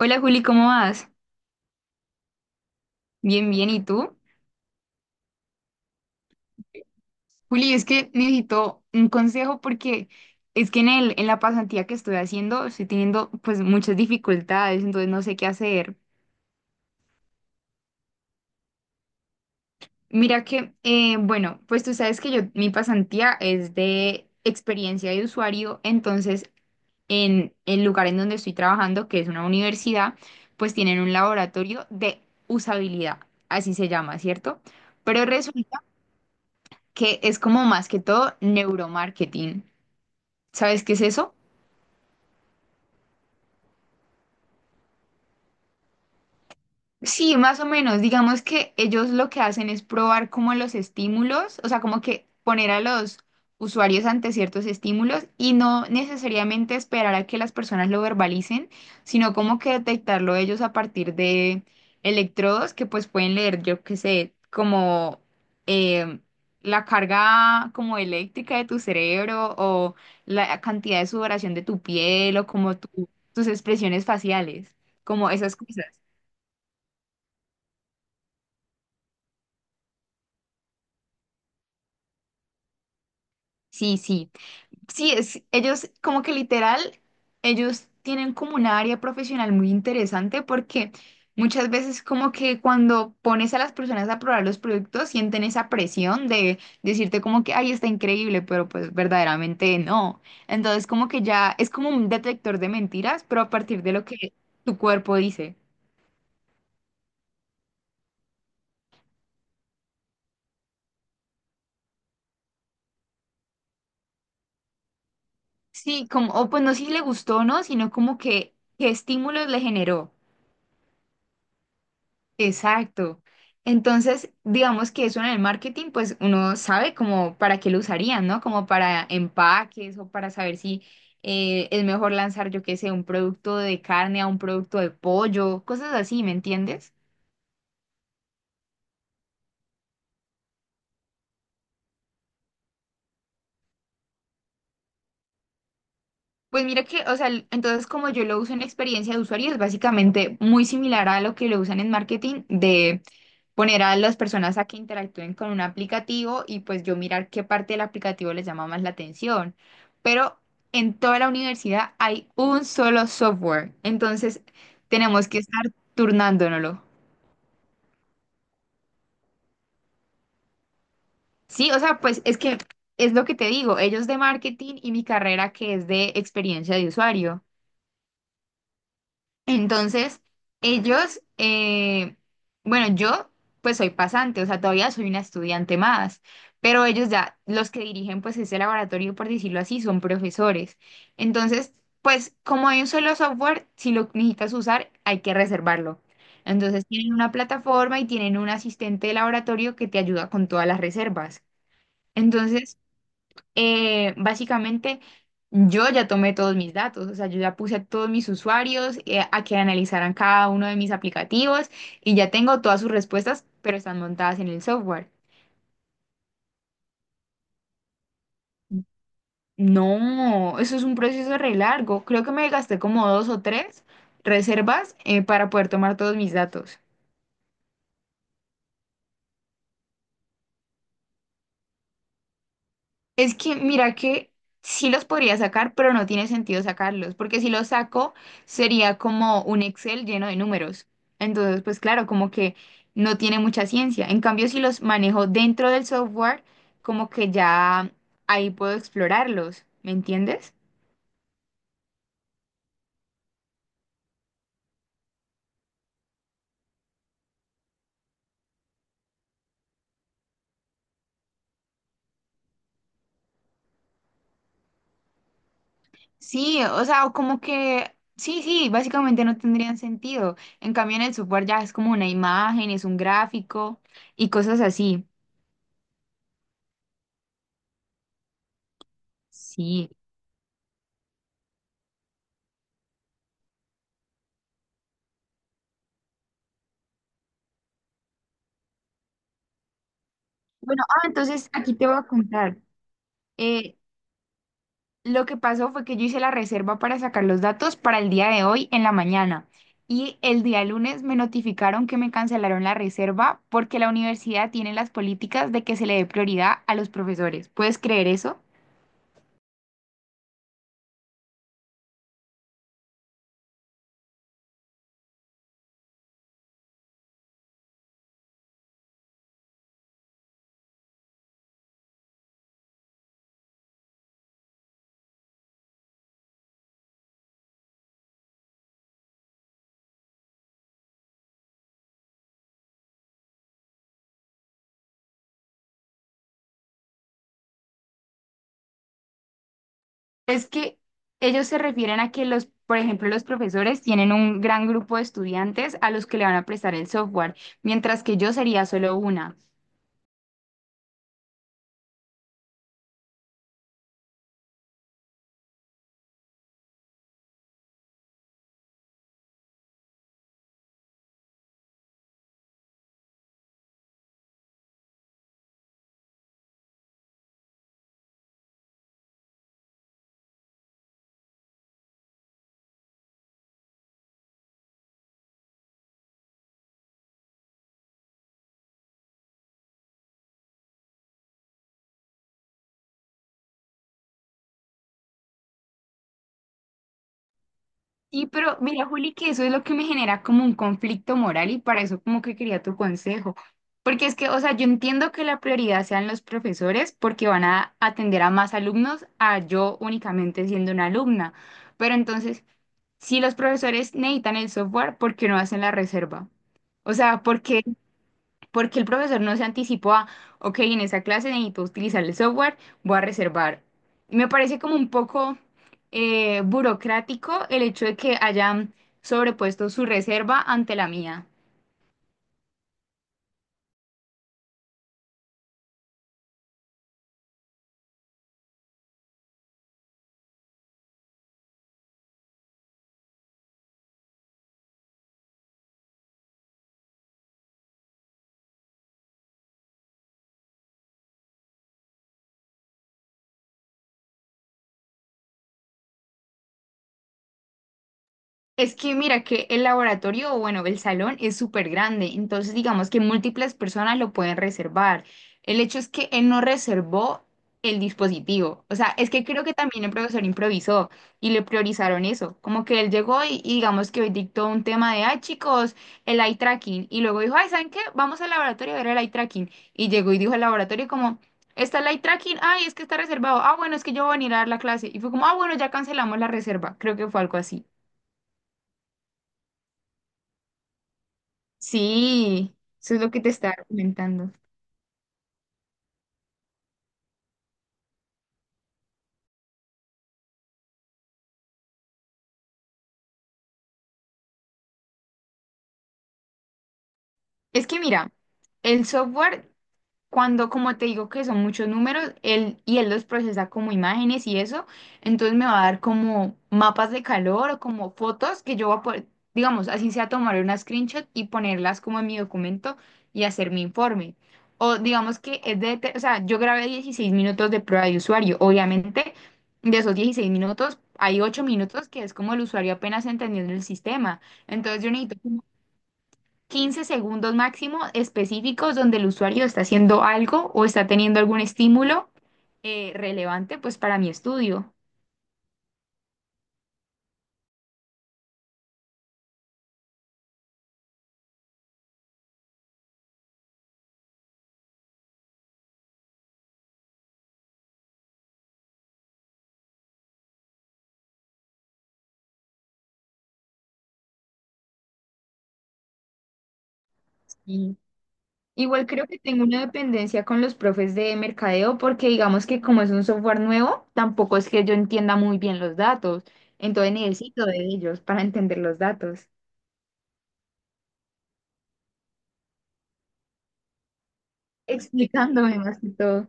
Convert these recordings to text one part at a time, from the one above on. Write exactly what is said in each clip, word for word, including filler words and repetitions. Hola Juli, ¿cómo vas? Bien, bien, ¿y tú? Juli, es que necesito un consejo porque es que en el, en la pasantía que estoy haciendo estoy teniendo pues muchas dificultades, entonces no sé qué hacer. Mira que, eh, bueno, pues tú sabes que yo, mi pasantía es de experiencia de usuario, entonces en el lugar en donde estoy trabajando, que es una universidad, pues tienen un laboratorio de usabilidad, así se llama, ¿cierto? Pero resulta que es como más que todo neuromarketing. ¿Sabes qué es eso? Sí, más o menos. Digamos que ellos lo que hacen es probar como los estímulos, o sea, como que poner a los usuarios ante ciertos estímulos y no necesariamente esperar a que las personas lo verbalicen, sino como que detectarlo ellos a partir de electrodos que pues pueden leer, yo qué sé, como em, la carga como eléctrica de tu cerebro o la cantidad de sudoración de tu piel o como tu- tus expresiones faciales, como esas cosas. Sí, sí. Sí, es, ellos como que literal, ellos tienen como una área profesional muy interesante porque muchas veces como que cuando pones a las personas a probar los productos sienten esa presión de decirte como que, ay, está increíble, pero pues verdaderamente no. Entonces como que ya es como un detector de mentiras, pero a partir de lo que tu cuerpo dice. Sí, como, o pues no si le gustó o no, sino como que qué estímulos le generó. Exacto. Entonces, digamos que eso en el marketing, pues uno sabe como para qué lo usarían, ¿no? Como para empaques o para saber si eh, es mejor lanzar, yo qué sé, un producto de carne a un producto de pollo, cosas así, ¿me entiendes? Pues mira que, o sea, el- entonces como yo lo uso en experiencia de usuario, es básicamente muy similar a lo que lo usan en marketing, de poner a las personas a que interactúen con un aplicativo y pues yo mirar qué parte del aplicativo les llama más la atención. Pero en toda la universidad hay un solo software, entonces tenemos que estar turnándonoslo. Sí, o sea, pues es que es lo que te digo, ellos de marketing y mi carrera que es de experiencia de usuario. Entonces, ellos, eh, bueno, yo pues soy pasante, o sea, todavía soy una estudiante más, pero ellos ya, los que dirigen pues ese laboratorio, por decirlo así, son profesores. Entonces, pues como hay un solo software, si lo necesitas usar, hay que reservarlo. Entonces, tienen una plataforma y tienen un asistente de laboratorio que te ayuda con todas las reservas. Entonces, eh, básicamente yo ya tomé todos mis datos, o sea, yo ya puse a todos mis usuarios eh, a que analizaran cada uno de mis aplicativos y ya tengo todas sus respuestas, pero están montadas en el software. No, eso es un proceso re largo. Creo que me gasté como dos o tres reservas eh, para poder tomar todos mis datos. Es que mira que sí los podría sacar, pero no tiene sentido sacarlos, porque si los saco sería como un Excel lleno de números. Entonces, pues claro, como que no tiene mucha ciencia. En cambio, si los manejo dentro del software, como que ya ahí puedo explorarlos, ¿me entiendes? Sí, o sea, o como que sí, sí, básicamente no tendrían sentido. En cambio, en el software ya es como una imagen, es un gráfico y cosas así. Sí. Bueno, ah, entonces aquí te voy a contar. Eh, lo que pasó fue que yo hice la reserva para sacar los datos para el día de hoy en la mañana y el día lunes me notificaron que me cancelaron la reserva porque la universidad tiene las políticas de que se le dé prioridad a los profesores. ¿Puedes creer eso? Es que ellos se refieren a que los, por ejemplo, los profesores tienen un gran grupo de estudiantes a los que le van a prestar el software, mientras que yo sería solo una. Sí, pero mira, Juli, que eso es lo que me genera como un conflicto moral y para eso como que quería tu consejo. Porque es que, o sea, yo entiendo que la prioridad sean los profesores porque van a atender a más alumnos a yo únicamente siendo una alumna. Pero entonces, si los profesores necesitan el software, ¿por qué no hacen la reserva? O sea, porque porque el profesor no se anticipó a, ok, en esa clase necesito utilizar el software, voy a reservar. Me parece como un poco eh, burocrático el hecho de que hayan sobrepuesto su reserva ante la mía. Es que mira que el laboratorio, o bueno, el salón es súper grande, entonces digamos que múltiples personas lo pueden reservar. El hecho es que él no reservó el dispositivo. O sea, es que creo que también el profesor improvisó y le priorizaron eso. Como que él llegó y, y digamos que hoy dictó un tema de, ay chicos, el eye tracking. Y luego dijo, ay, ¿saben qué? Vamos al laboratorio a ver el eye tracking. Y llegó y dijo al laboratorio como... Está el eye tracking, ay, es que está reservado. Ah, bueno, es que yo voy a venir a dar la clase. Y fue como, ah, bueno, ya cancelamos la reserva. Creo que fue algo así. Sí, eso es lo que te estaba comentando. Es que mira, el software, cuando, como te digo que son muchos números, él y él los procesa como imágenes y eso, entonces me va a dar como mapas de calor o como fotos que yo voy a poder, digamos, así sea tomar una screenshot y ponerlas como en mi documento y hacer mi informe. O digamos que es de, te- o sea, yo grabé dieciséis minutos de prueba de usuario. Obviamente, de esos dieciséis minutos, hay ocho minutos que es como el usuario apenas entendiendo el sistema. Entonces yo necesito quince segundos máximo específicos donde el usuario está haciendo algo o está teniendo algún estímulo eh, relevante pues para mi estudio. Y igual creo que tengo una dependencia con los profes de mercadeo porque digamos que como es un software nuevo, tampoco es que yo entienda muy bien los datos. Entonces necesito de ellos para entender los datos, explicándome más que todo.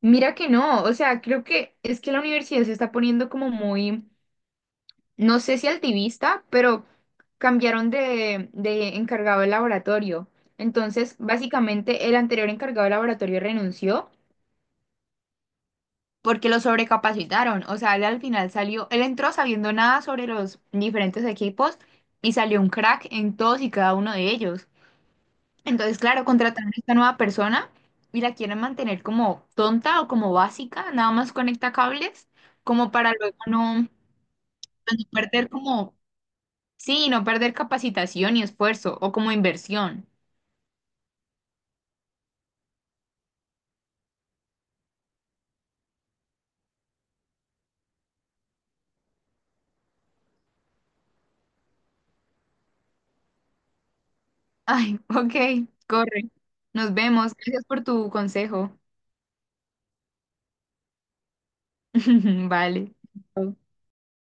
Mira que no, o sea, creo que es que la universidad se está poniendo como muy no sé si altivista, pero cambiaron de, de encargado del laboratorio. Entonces, básicamente, el anterior encargado del laboratorio renunció porque lo sobrecapacitaron. O sea, él al final salió, él entró sabiendo nada sobre los diferentes equipos y salió un crack en todos y cada uno de ellos. Entonces, claro, contrataron a esta nueva persona y la quieren mantener como tonta o como básica, nada más conecta cables, como para luego no, pues, no perder como sí, no perder capacitación y esfuerzo, o como inversión. Ay, ok, corre. Nos vemos. Gracias por tu consejo. Vale.